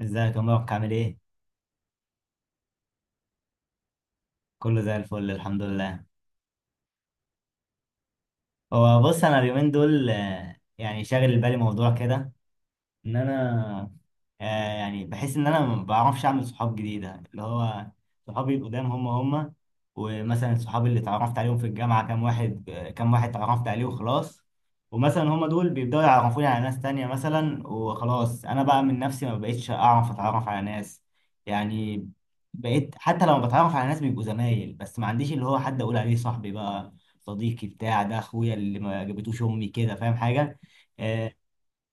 ازيك يا مبروك عامل ايه؟ كله زي الفل الحمد لله. هو بص انا اليومين دول يعني شاغل بالي موضوع كده ان انا آه يعني بحس ان انا ما بعرفش اعمل صحاب جديده اللي هو صحابي القدام هم. ومثلا صحابي اللي اتعرفت عليهم في الجامعه كام واحد كام واحد اتعرفت عليه وخلاص. ومثلا هم دول بيبداوا يعرفوني على ناس تانية مثلا، وخلاص انا بقى من نفسي ما بقيتش اعرف اتعرف على ناس. يعني بقيت حتى لما بتعرف على ناس بيبقوا زمايل بس ما عنديش اللي هو حد اقول عليه صاحبي بقى، صديقي، بتاع ده، اخويا اللي ما جابتوش امي، كده فاهم حاجه؟ آه،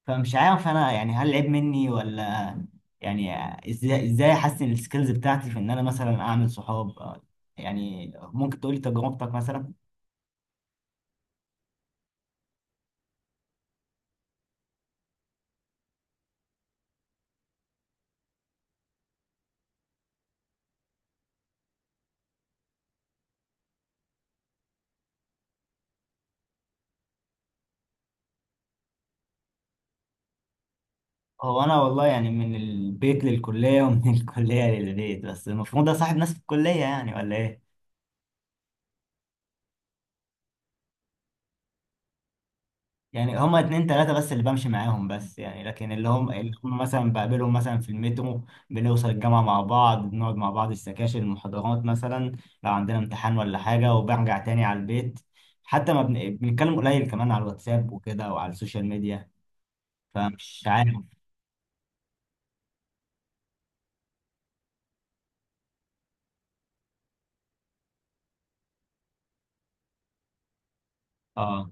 فمش عارف انا يعني هل عيب مني ولا يعني ازاي احسن السكيلز بتاعتي في ان انا مثلا اعمل صحاب؟ يعني ممكن تقولي تجربتك مثلا؟ هو انا والله يعني من البيت للكلية ومن الكلية للبيت، بس المفروض اصاحب ناس في الكلية يعني ولا ايه؟ يعني هما اتنين تلاتة بس اللي بمشي معاهم، بس يعني لكن اللي هم مثلا بقابلهم مثلا في المترو. بنوصل الجامعة مع بعض، بنقعد مع بعض السكاشن المحاضرات مثلا، لو عندنا امتحان ولا حاجة، وبرجع تاني على البيت. حتى ما بن... بنتكلم قليل كمان على الواتساب وكده وعلى السوشيال ميديا. فمش عارف. اه،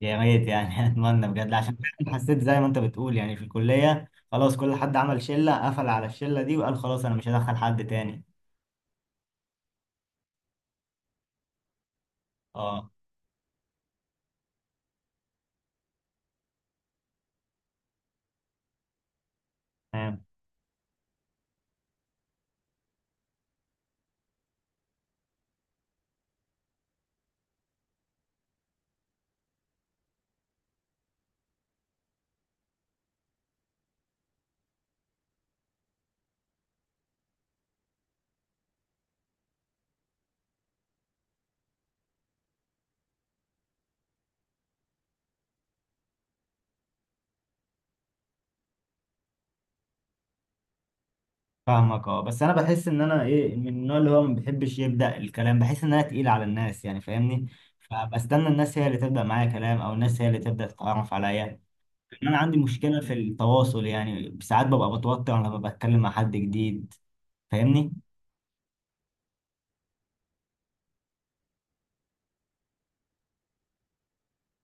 يا ريت يعني اتمنى بجد، عشان فعلاً حسيت زي ما انت بتقول يعني في الكلية خلاص كل حد عمل شلة قفل على الشلة دي، وقال خلاص انا مش هدخل حد تاني. اه، فاهمك. اه، بس انا بحس ان انا ايه، من النوع اللي هو ما بيحبش يبدا الكلام، بحس ان انا تقيل على الناس يعني، فاهمني؟ فبستنى الناس هي اللي تبدا معايا كلام، او الناس هي اللي تبدا تتعرف عليا. لأن انا عندي مشكله في التواصل، يعني ساعات ببقى بتوتر لما بتكلم مع حد جديد. فاهمني؟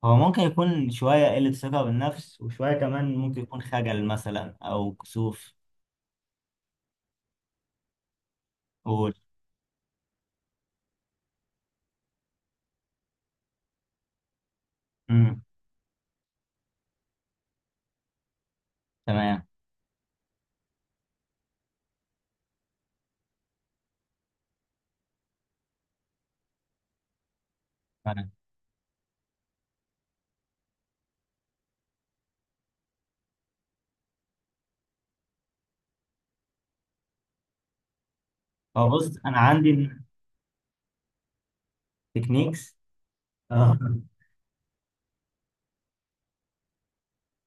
هو ممكن يكون شويه قله ثقه بالنفس، وشويه كمان ممكن يكون خجل مثلا او كسوف. قول. امم. تمام. تمام. هو بص انا عندي تكنيكس. اه،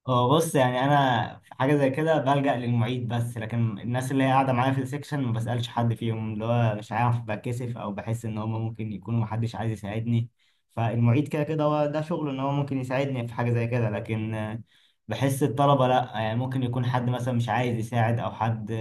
هو بص يعني انا في حاجه زي كده بلجأ للمعيد بس، لكن الناس اللي هي قاعده معايا في السكشن ما بسألش حد فيهم، اللي هو مش عارف بتكسف، او بحس ان هم ممكن يكونوا محدش عايز يساعدني. فالمعيد كده هو ده شغله، ان هو ممكن يساعدني في حاجه زي كده، لكن بحس الطلبه لا، يعني ممكن يكون حد مثلا مش عايز يساعد او حد.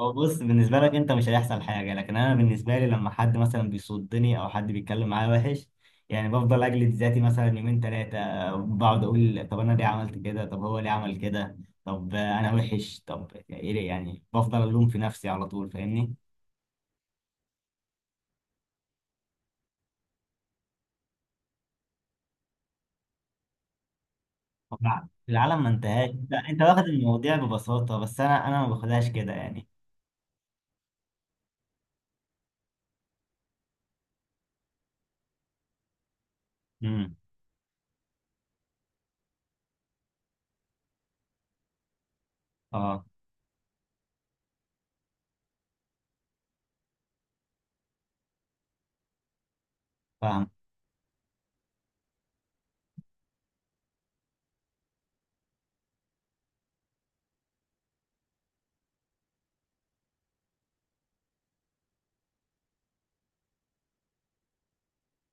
هو بص بالنسبة لك أنت مش هيحصل حاجة، لكن أنا بالنسبة لي لما حد مثلا بيصدني أو حد بيتكلم معايا وحش، يعني بفضل أجلد ذاتي مثلا يومين تلاتة. بقعد أقول طب أنا ليه عملت كده، طب هو ليه عمل كده، طب أنا وحش، طب إيه ده؟ يعني بفضل ألوم في نفسي على طول، فاهمني؟ طبعاً العالم ما انتهاش، لا أنت واخد المواضيع ببساطة، بس أنا ما باخدهاش كده يعني. امم. أه. فاهم.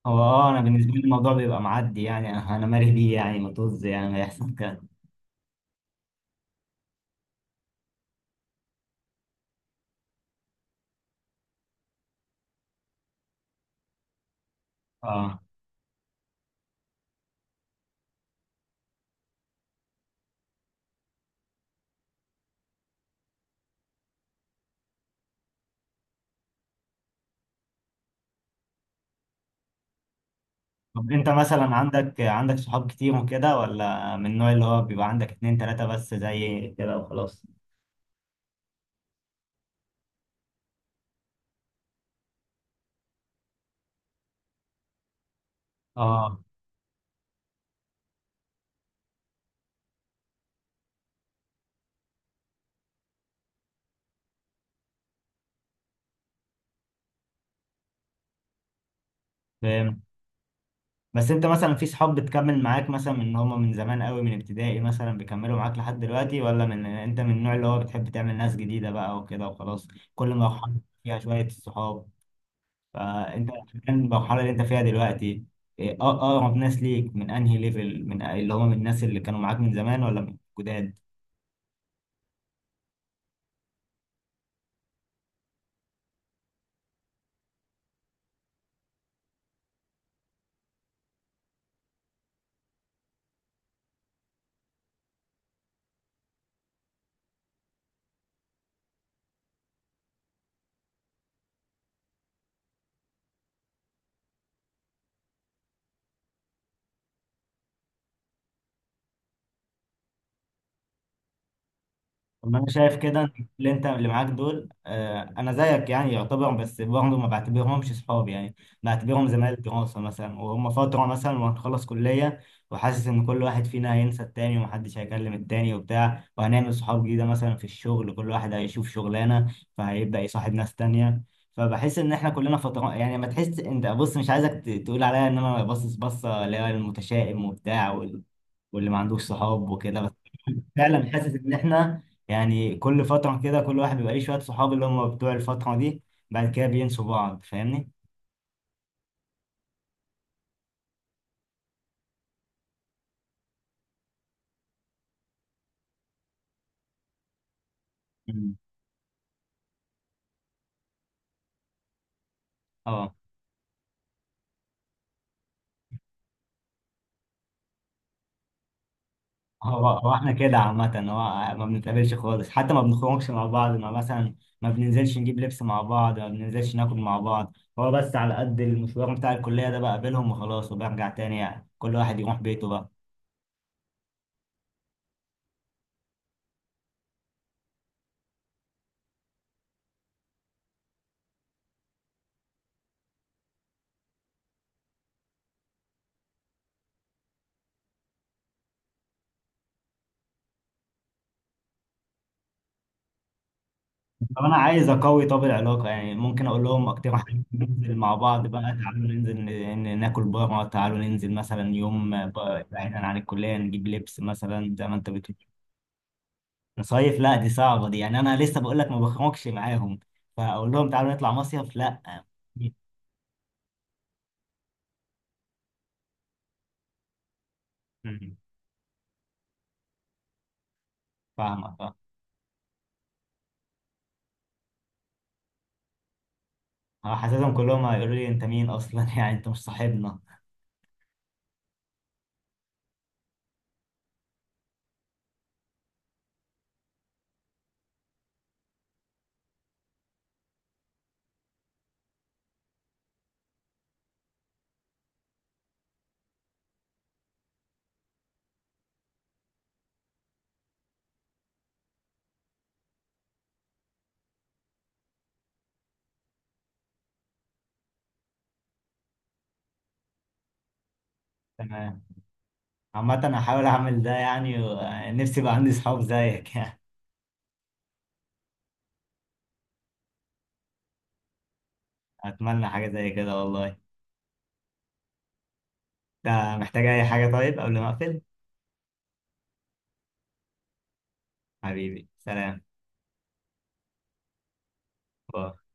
هو أه أنا بالنسبة لي الموضوع بيبقى معدي، يعني أنا مالي بيه يعني، ما طز يعني ما يحصل كده. اه طب انت مثلا عندك صحاب كتير وكده، ولا من النوع اللي هو بيبقى عندك اتنين تلاتة بس زي كده وخلاص؟ اه فاهم. بس انت مثلا في صحاب بتكمل معاك مثلا من ان هما من زمان قوي، من ابتدائي مثلا بيكملوا معاك لحد دلوقتي، ولا من انت من النوع اللي هو بتحب تعمل ناس جديدة بقى وكده وخلاص؟ كل مرحلة فيها شوية الصحاب، فانت كان المرحلة اللي انت فيها دلوقتي اه اقرب ناس ليك من انهي ليفل، من اللي هما من الناس اللي كانوا معاك من زمان ولا من جداد؟ طب ما انا شايف كده إن اللي معاك دول انا زيك يعني يعتبر، بس برضه ما بعتبرهمش صحاب يعني، بعتبرهم زمايل دراسه مثلا، وهم فتره مثلا وهنخلص كليه. وحاسس ان كل واحد فينا هينسى التاني ومحدش هيكلم التاني وبتاع، وهنعمل صحاب جديده مثلا في الشغل. كل واحد هيشوف شغلانه فهيبدا يصاحب ناس تانيه. فبحس ان احنا كلنا فتره يعني، ما تحس انت بص مش عايزك تقول عليا ان انا باصص بصه اللي هي المتشائم وبتاع واللي ما عندوش صحاب وكده. فعلا حاسس ان احنا يعني كل فتره كده كل واحد بيبقى ليه شويه صحاب اللي هم بتوع الفتره دي، بعد كده بينسوا بعض، فاهمني؟ مم. اه. هو احنا كده عامه، هو ما بنتقابلش خالص، حتى ما بنخرجش مع بعض. ما مثلا ما بننزلش نجيب لبس مع بعض، ما بننزلش ناكل مع بعض، هو بس على قد المشوار بتاع الكليه ده بقابلهم وخلاص، وبرجع تاني يعني كل واحد يروح بيته بقى. طب انا عايز اقوي طب العلاقه، يعني ممكن اقول لهم اقترح عليكم ننزل مع بعض بقى، تعالوا ننزل ناكل بره، تعالوا ننزل مثلا يوم بقى بعيدا عن الكليه نجيب لبس مثلا زي ما انت بتقول. نصيف لا دي صعبه دي، يعني انا لسه بقول لك ما بخرجش معاهم، فاقول لهم تعالوا نطلع مصيف؟ لا. مم. فاهمك. اه، حاسسهم كلهم هيقولوا لي انت مين اصلا يعني انت مش صاحبنا. تمام. عامه انا هحاول اعمل ده يعني، و- نفسي يبقى عندي صحاب زيك يعني. اتمنى حاجه زي كده والله. ده محتاج أي حاجة طيب قبل ما أقفل؟ حبيبي، سلام. باي.